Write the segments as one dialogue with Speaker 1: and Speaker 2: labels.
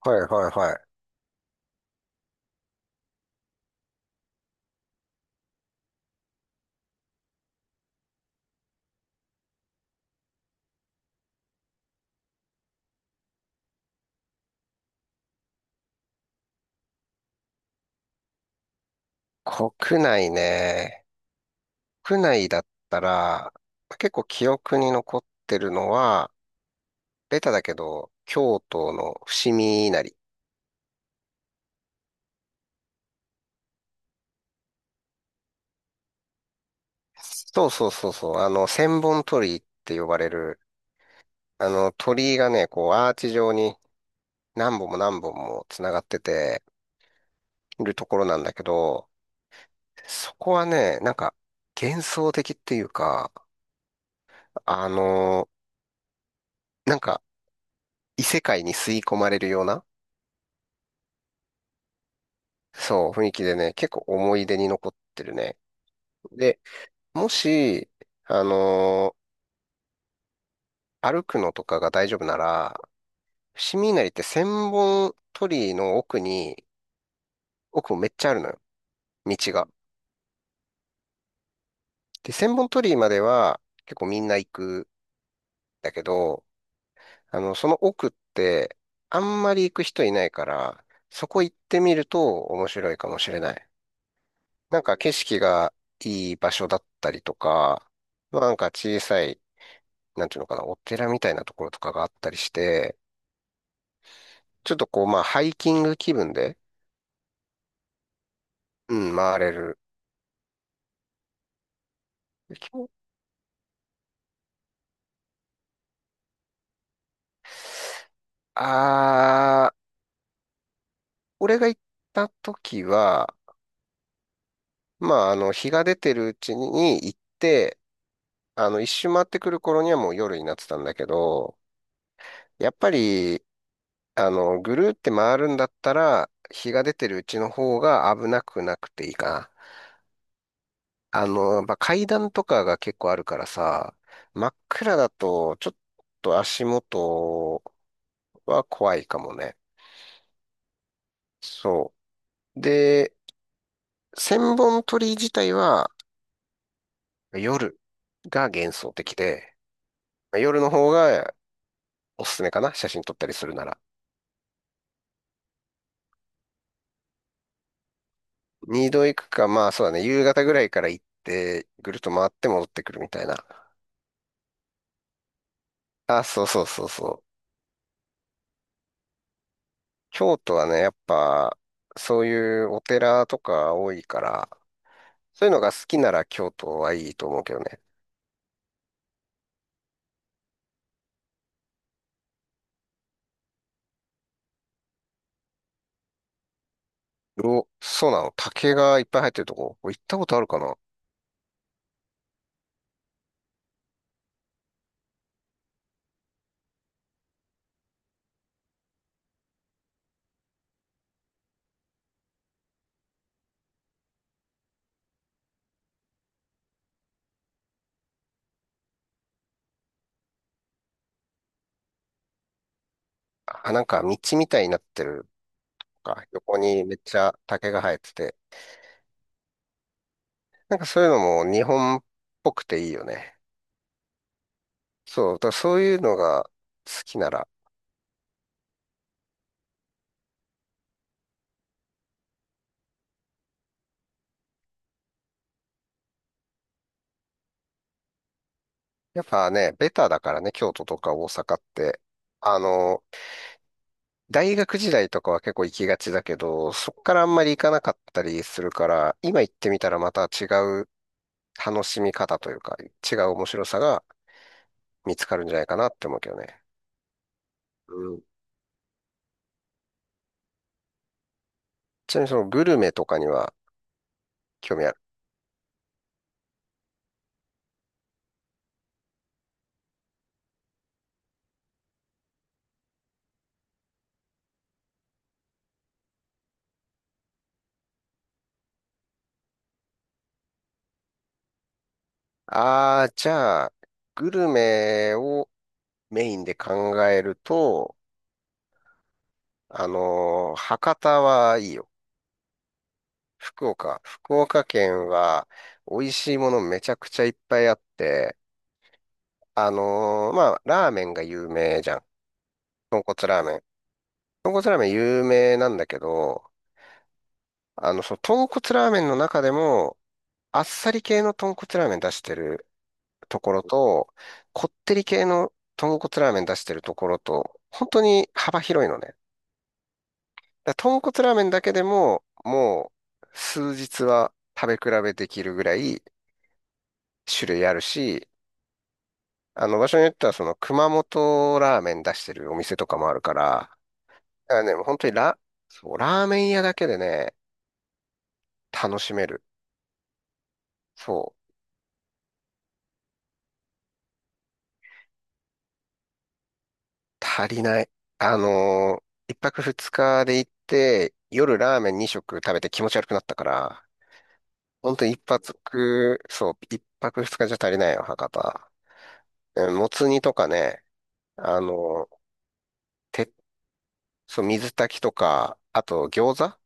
Speaker 1: はいはいはい。国内ね。国内だったら、結構記憶に残ってるのは、ベタだけど、京都の伏見稲荷。そうそうそうそう。千本鳥居って呼ばれる、鳥居がね、こう、アーチ状に何本も何本も繋がってて、いるところなんだけど、そこはね、なんか、幻想的っていうか、あの、なんか、異世界に吸い込まれるような、そう、雰囲気でね、結構思い出に残ってるね。で、もし、あのー歩くのとかが大丈夫なら、伏見稲荷って千本鳥居の奥に、奥もめっちゃあるのよ、道が。で、千本鳥居までは結構みんな行くんだけど、その奥ってあんまり行く人いないから、そこ行ってみると面白いかもしれない。なんか景色がいい場所だったりとか、まあなんか小さいなんていうのかな、お寺みたいなところとかがあったりして、ちょっとこう、まあ、ハイキング気分で、うん、回れる。きあー、俺が行った時は、まあ、日が出てるうちに行って、一周回ってくる頃にはもう夜になってたんだけど、やっぱり、ぐるーって回るんだったら、日が出てるうちの方が危なくなくていいかな。やっぱ階段とかが結構あるからさ、真っ暗だと、ちょっと足元は怖いかもね。そう。で、千本鳥居自体は夜が幻想的で、夜の方がおすすめかな、写真撮ったりするなら。二度行くか、まあそうだね、夕方ぐらいから行って、ぐるっと回って戻ってくるみたいな。あ、そうそうそうそう。京都はね、やっぱ、そういうお寺とか多いから、そういうのが好きなら京都はいいと思うけどね。お、そうなの。竹がいっぱい入ってるとこ。これ行ったことあるかなあ、なんか道みたいになってるのか。横にめっちゃ竹が生えてて。なんかそういうのも日本っぽくていいよね。そう、だからそういうのが好きなら。やっぱね、ベタだからね、京都とか大阪って。あの、大学時代とかは結構行きがちだけど、そこからあんまり行かなかったりするから、今行ってみたらまた違う楽しみ方というか、違う面白さが見つかるんじゃないかなって思うけどね。うん。ちなみにそのグルメとかには興味ある。ああ、じゃあ、グルメをメインで考えると、博多はいいよ。福岡。福岡県は美味しいものめちゃくちゃいっぱいあって、まあ、ラーメンが有名じゃん。豚骨ラーメン。豚骨ラーメン有名なんだけど、その豚骨ラーメンの中でも、あっさり系の豚骨ラーメン出してるところと、こってり系の豚骨ラーメン出してるところと、本当に幅広いのね。だから豚骨ラーメンだけでも、もう数日は食べ比べできるぐらい種類あるし、場所によってはその熊本ラーメン出してるお店とかもあるから、だからね、本当にそう、ラーメン屋だけでね、楽しめる。そう、足りない。あのー一泊二日で行って、夜ラーメン二食食べて気持ち悪くなったから、本当一泊、そう、一泊二日じゃ足りないよ、博多。うん。もつ煮とかね、あの、て、そう、水炊きとか、あと餃子。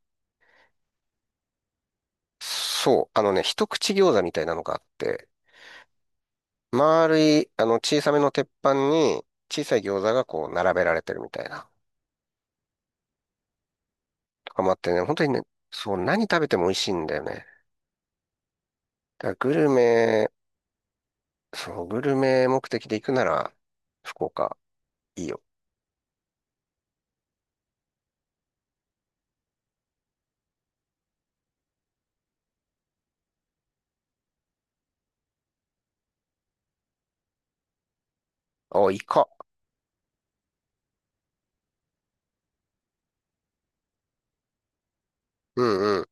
Speaker 1: そう、一口餃子みたいなのがあって、丸い、小さめの鉄板に、小さい餃子がこう、並べられてるみたいな、とかもあってね、本当にね、そう、何食べても美味しいんだよね。だからグルメ、そう、グルメ目的で行くなら、福岡、いいよ。あ、イカ。うん。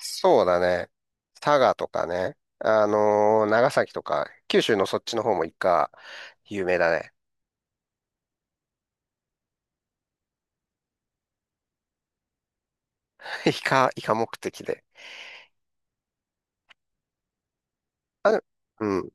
Speaker 1: そうだね。佐賀とかね。長崎とか、九州のそっちの方もイカ、有名だね。イカ、イカ目的で。あ、で、うん。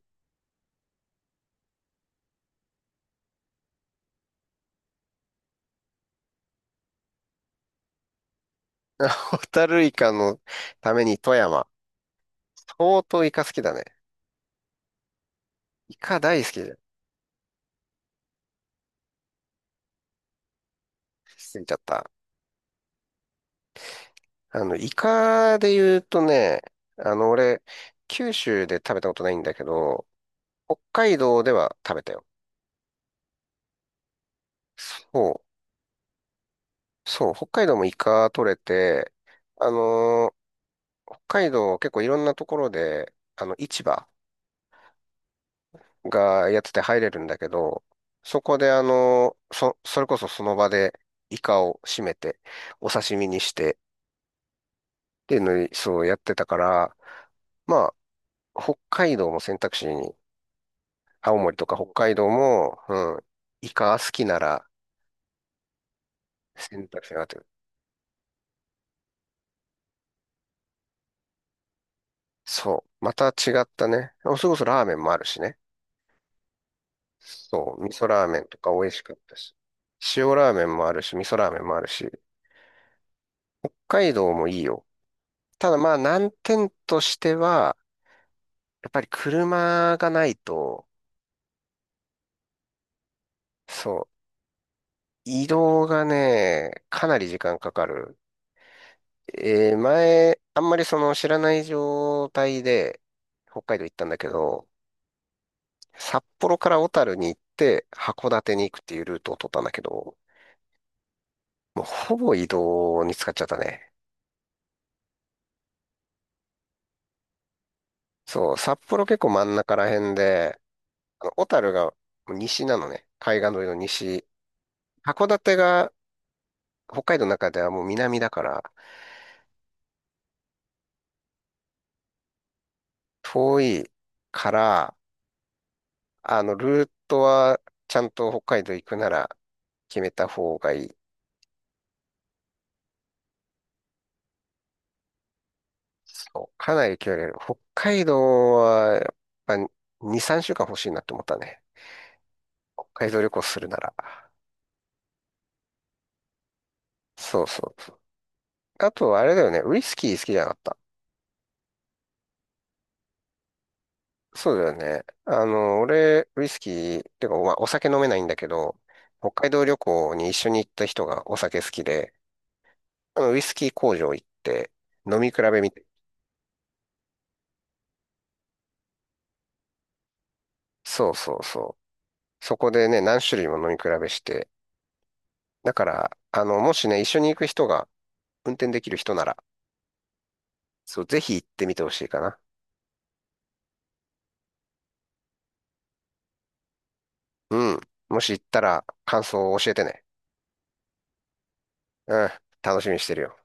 Speaker 1: ホタルイカのために富山。相当イカ好きだね。イカ大好きで、すぎちゃった。イカで言うとね、俺、九州で食べたことないんだけど、北海道では食べたよ。そう。そう。北海道もイカ取れて、あのー北海道結構いろんなところで、市場がやってて入れるんだけど、そこでそれこそその場でイカを締めて、お刺身にしてっていうのに、そうやってたから、まあ、北海道も選択肢に、青森とか北海道も、うん、イカ好きなら選択肢があってる。そう、また違ったね。それこそラーメンもあるしね。そう、味噌ラーメンとか美味しかったし。塩ラーメンもあるし、味噌ラーメンもあるし。北海道もいいよ。ただまあ難点としては、やっぱり車がないと、そう、移動がね、かなり時間かかる。前、あんまりその知らない状態で北海道行ったんだけど、札幌から小樽に行って函館に行くっていうルートを取ったんだけど、もうほぼ移動に使っちゃったね。そう、札幌結構真ん中ら辺で、小樽が西なのね。海岸沿いの西。函館が北海道の中ではもう南だから、遠いから、ルートはちゃんと北海道行くなら決めた方がいい。そう、かなり距離ある。北海道はやっぱ2、3週間欲しいなって思ったね。北海道旅行するなら。そうそうそう。あと、あれだよね。ウイスキー好きじゃなかった。そうだよね。俺、ウイスキー、っていうか、まあ、お酒飲めないんだけど、北海道旅行に一緒に行った人がお酒好きで、ウイスキー工場行って、飲み比べみたい。そうそうそう。そこでね、何種類も飲み比べして。だから、もしね、一緒に行く人が運転できる人なら、そう、ぜひ行ってみてほしいかな。うん。もし行ったら感想を教えてね。うん。楽しみにしてるよ。